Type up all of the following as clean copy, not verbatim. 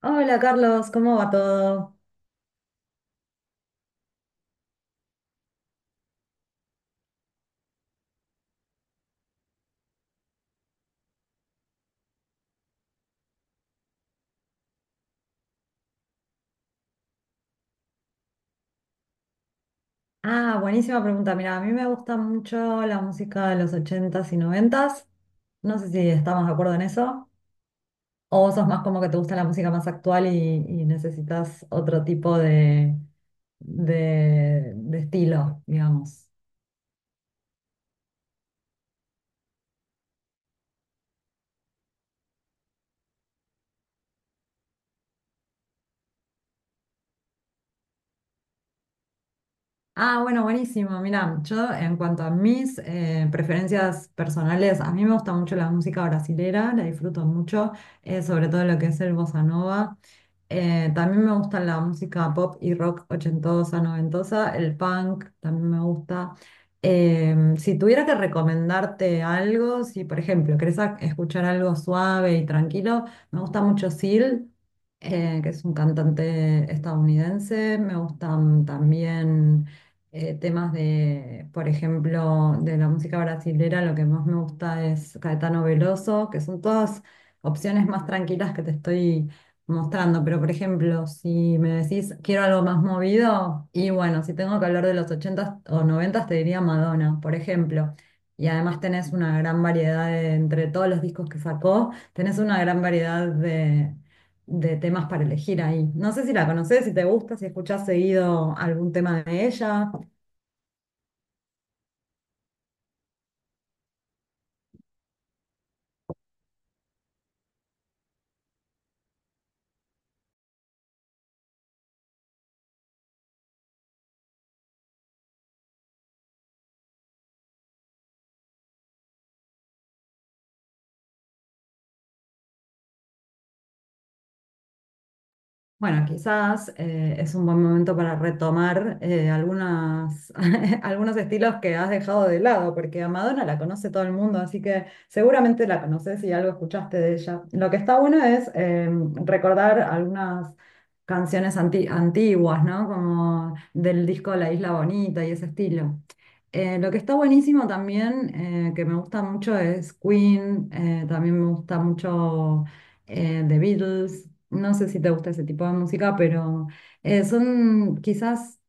Hola Carlos, ¿cómo va todo? Ah, buenísima pregunta. Mira, a mí me gusta mucho la música de los ochentas y noventas. No sé si estamos de acuerdo en eso. ¿O vos sos más como que te gusta la música más actual y, necesitas otro tipo de estilo, digamos? Ah, bueno, buenísimo. Mira, yo en cuanto a mis preferencias personales, a mí me gusta mucho la música brasilera, la disfruto mucho, sobre todo lo que es el bossa nova. También me gusta la música pop y rock ochentosa, noventosa, el punk también me gusta. Si tuviera que recomendarte algo, si por ejemplo querés escuchar algo suave y tranquilo, me gusta mucho Seal, que es un cantante estadounidense. Me gustan también temas de, por ejemplo, de la música brasilera, lo que más me gusta es Caetano Veloso, que son todas opciones más tranquilas que te estoy mostrando. Pero, por ejemplo, si me decís quiero algo más movido, y bueno, si tengo que hablar de los ochentas o noventas te diría Madonna, por ejemplo. Y además tenés una gran variedad entre todos los discos que sacó, tenés una gran variedad de temas para elegir ahí. No sé si la conoces, si te gusta, si escuchás seguido algún tema de ella. Bueno, quizás es un buen momento para retomar algunas, algunos estilos que has dejado de lado, porque a Madonna la conoce todo el mundo, así que seguramente la conoces y algo escuchaste de ella. Lo que está bueno es recordar algunas canciones antiguas, ¿no? Como del disco La Isla Bonita y ese estilo. Lo que está buenísimo también, que me gusta mucho, es Queen, también me gusta mucho The Beatles, no sé si te gusta ese tipo de música, pero son quizás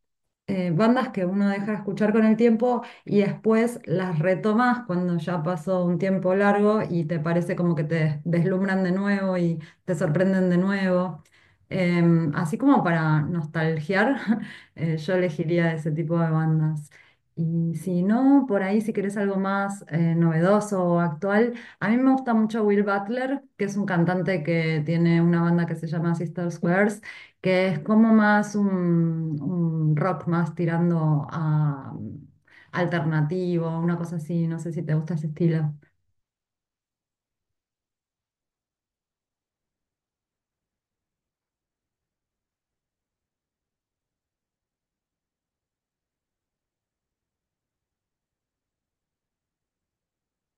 bandas que uno deja de escuchar con el tiempo y después las retomas cuando ya pasó un tiempo largo y te parece como que te deslumbran de nuevo y te sorprenden de nuevo. Así como para nostalgiar, yo elegiría ese tipo de bandas. Y si no, por ahí si querés algo más novedoso o actual, a mí me gusta mucho Will Butler, que es un cantante que tiene una banda que se llama Sister Squares, que es como más un rock más tirando a alternativo, una cosa así, no sé si te gusta ese estilo.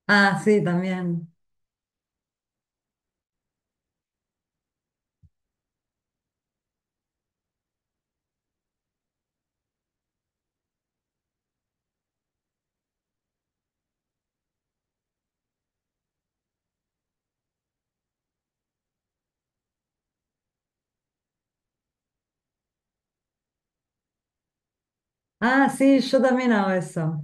Ah, sí, también. Ah, sí, yo también hago eso.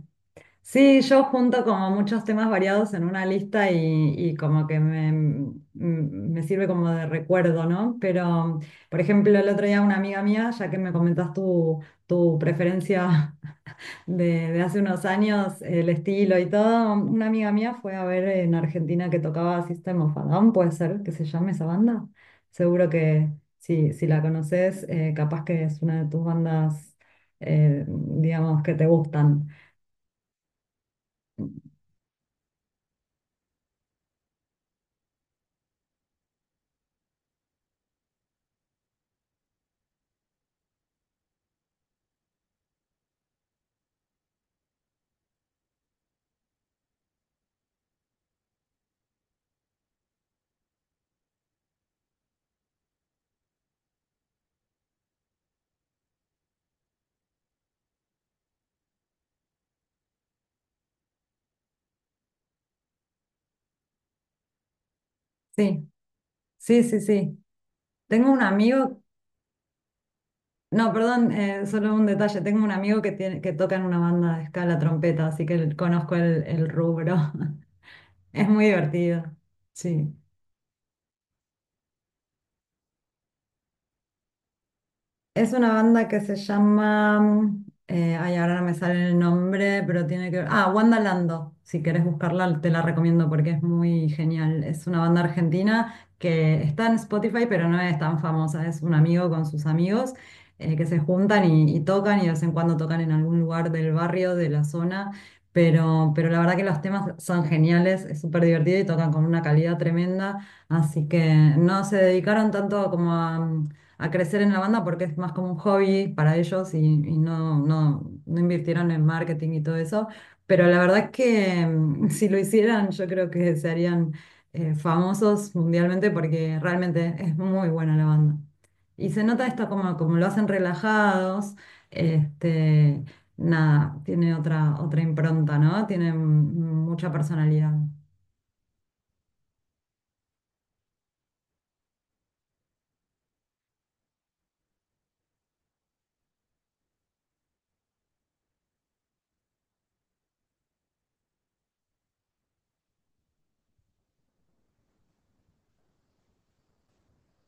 Sí, yo junto como muchos temas variados en una lista y, como que me, me sirve como de recuerdo, ¿no? Pero, por ejemplo, el otro día una amiga mía, ya que me comentas tu, tu preferencia de hace unos años, el estilo y todo. Una amiga mía fue a ver en Argentina que tocaba System of a Down, puede ser que se llame esa banda. Seguro que si, si la conoces, capaz que es una de tus bandas, digamos, que te gustan. Sí, sí, sí, sí. Tengo un amigo, no, perdón, solo un detalle, tengo un amigo que, tiene, que toca en una banda de escala trompeta, así que conozco el rubro. Es muy divertido, sí. Es una banda que se llama, ay, ahora no me sale el nombre, pero tiene que ver, ah, Wandalando, si querés buscarla te la recomiendo porque es muy genial. Es una banda argentina que está en Spotify, pero no es tan famosa, es un amigo con sus amigos que se juntan y, tocan y de vez en cuando tocan en algún lugar del barrio, de la zona, pero la verdad que los temas son geniales, es súper divertido y tocan con una calidad tremenda. Así que no se dedicaron tanto como a crecer en la banda porque es más como un hobby para ellos y no, no, no invirtieron en marketing y todo eso. Pero la verdad es que mm, si lo hicieran, yo creo que se harían famosos mundialmente porque realmente es muy buena la banda. Y se nota esto como, como lo hacen relajados, este, nada, tiene otra, otra impronta, ¿no? Tiene mm, mucha personalidad.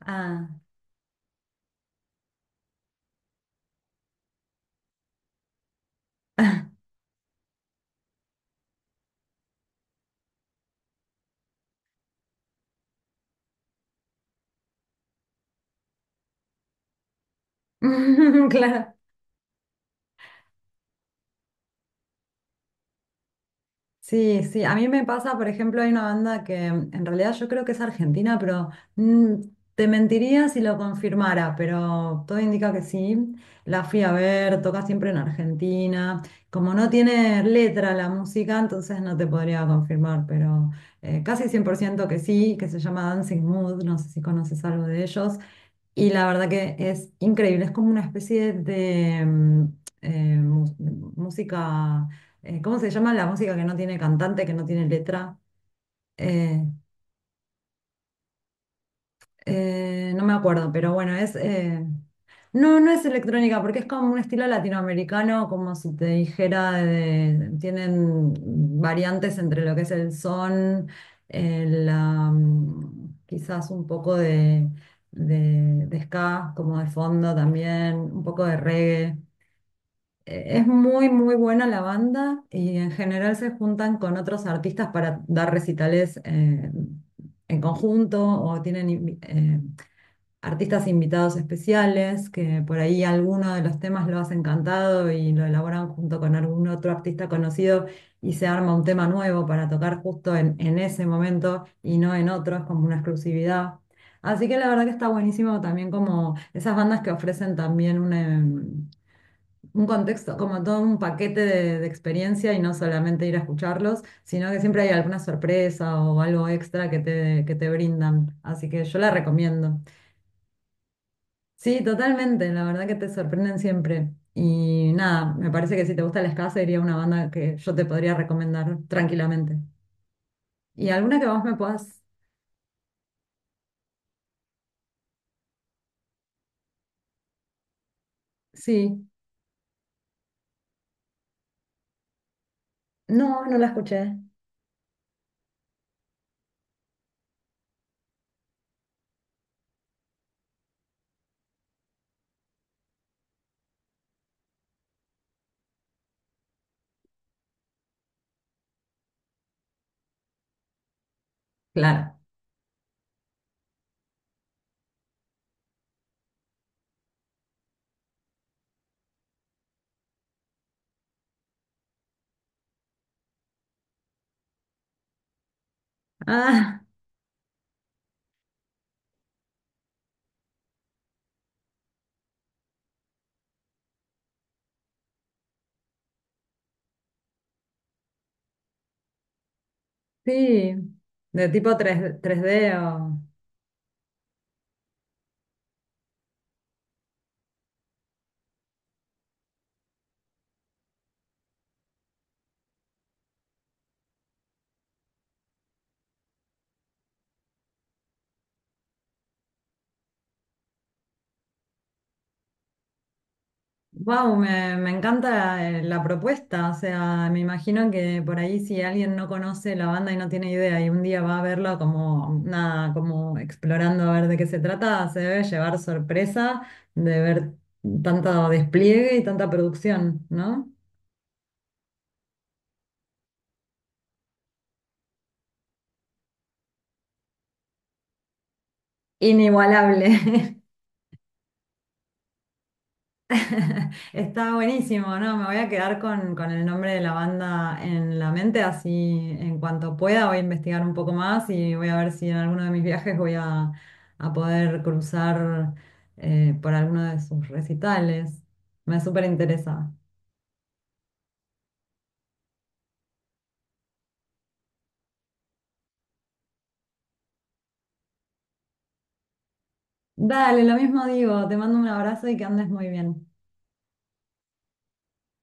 Ah, claro. Sí, sí, a mí me pasa, por ejemplo, hay una banda que mm, en realidad yo creo que es argentina, pero mm, te mentiría si lo confirmara, pero todo indica que sí. La fui a ver, toca siempre en Argentina. Como no tiene letra la música, entonces no te podría confirmar, pero casi 100% que sí, que se llama Dancing Mood, no sé si conoces algo de ellos. Y la verdad que es increíble, es como una especie de eh, mu- música, ¿cómo se llama? La música que no tiene cantante, que no tiene letra. eh, no me acuerdo, pero bueno, es... No, no es electrónica, porque es como un estilo latinoamericano, como si te dijera, tienen variantes entre lo que es el son, el, quizás un poco de, de ska, como de fondo también, un poco de reggae. Es muy, muy buena la banda y en general se juntan con otros artistas para dar recitales en conjunto o tienen artistas invitados especiales, que por ahí alguno de los temas lo hacen cantado y lo elaboran junto con algún otro artista conocido y se arma un tema nuevo para tocar justo en ese momento y no en otros, como una exclusividad. Así que la verdad que está buenísimo también como esas bandas que ofrecen también un contexto, como todo un paquete de experiencia y no solamente ir a escucharlos, sino que siempre hay alguna sorpresa o algo extra que te brindan. Así que yo la recomiendo. Sí, totalmente, la verdad que te sorprenden siempre. Y nada, me parece que si te gusta el ska sería una banda que yo te podría recomendar tranquilamente. ¿Y alguna que vos me puedas? Sí. No, no la escuché. Claro. Ah, sí. ¿De tipo tres, 3D o...? Wow, me encanta la propuesta. O sea, me imagino que por ahí si alguien no conoce la banda y no tiene idea y un día va a verla como nada, como explorando a ver de qué se trata, se debe llevar sorpresa de ver tanto despliegue y tanta producción, ¿no? Inigualable. Está buenísimo, ¿no? Me voy a quedar con el nombre de la banda en la mente, así en cuanto pueda voy a investigar un poco más y voy a ver si en alguno de mis viajes voy a poder cruzar por alguno de sus recitales. Me súper interesa. Dale, lo mismo digo, te mando un abrazo y que andes muy bien.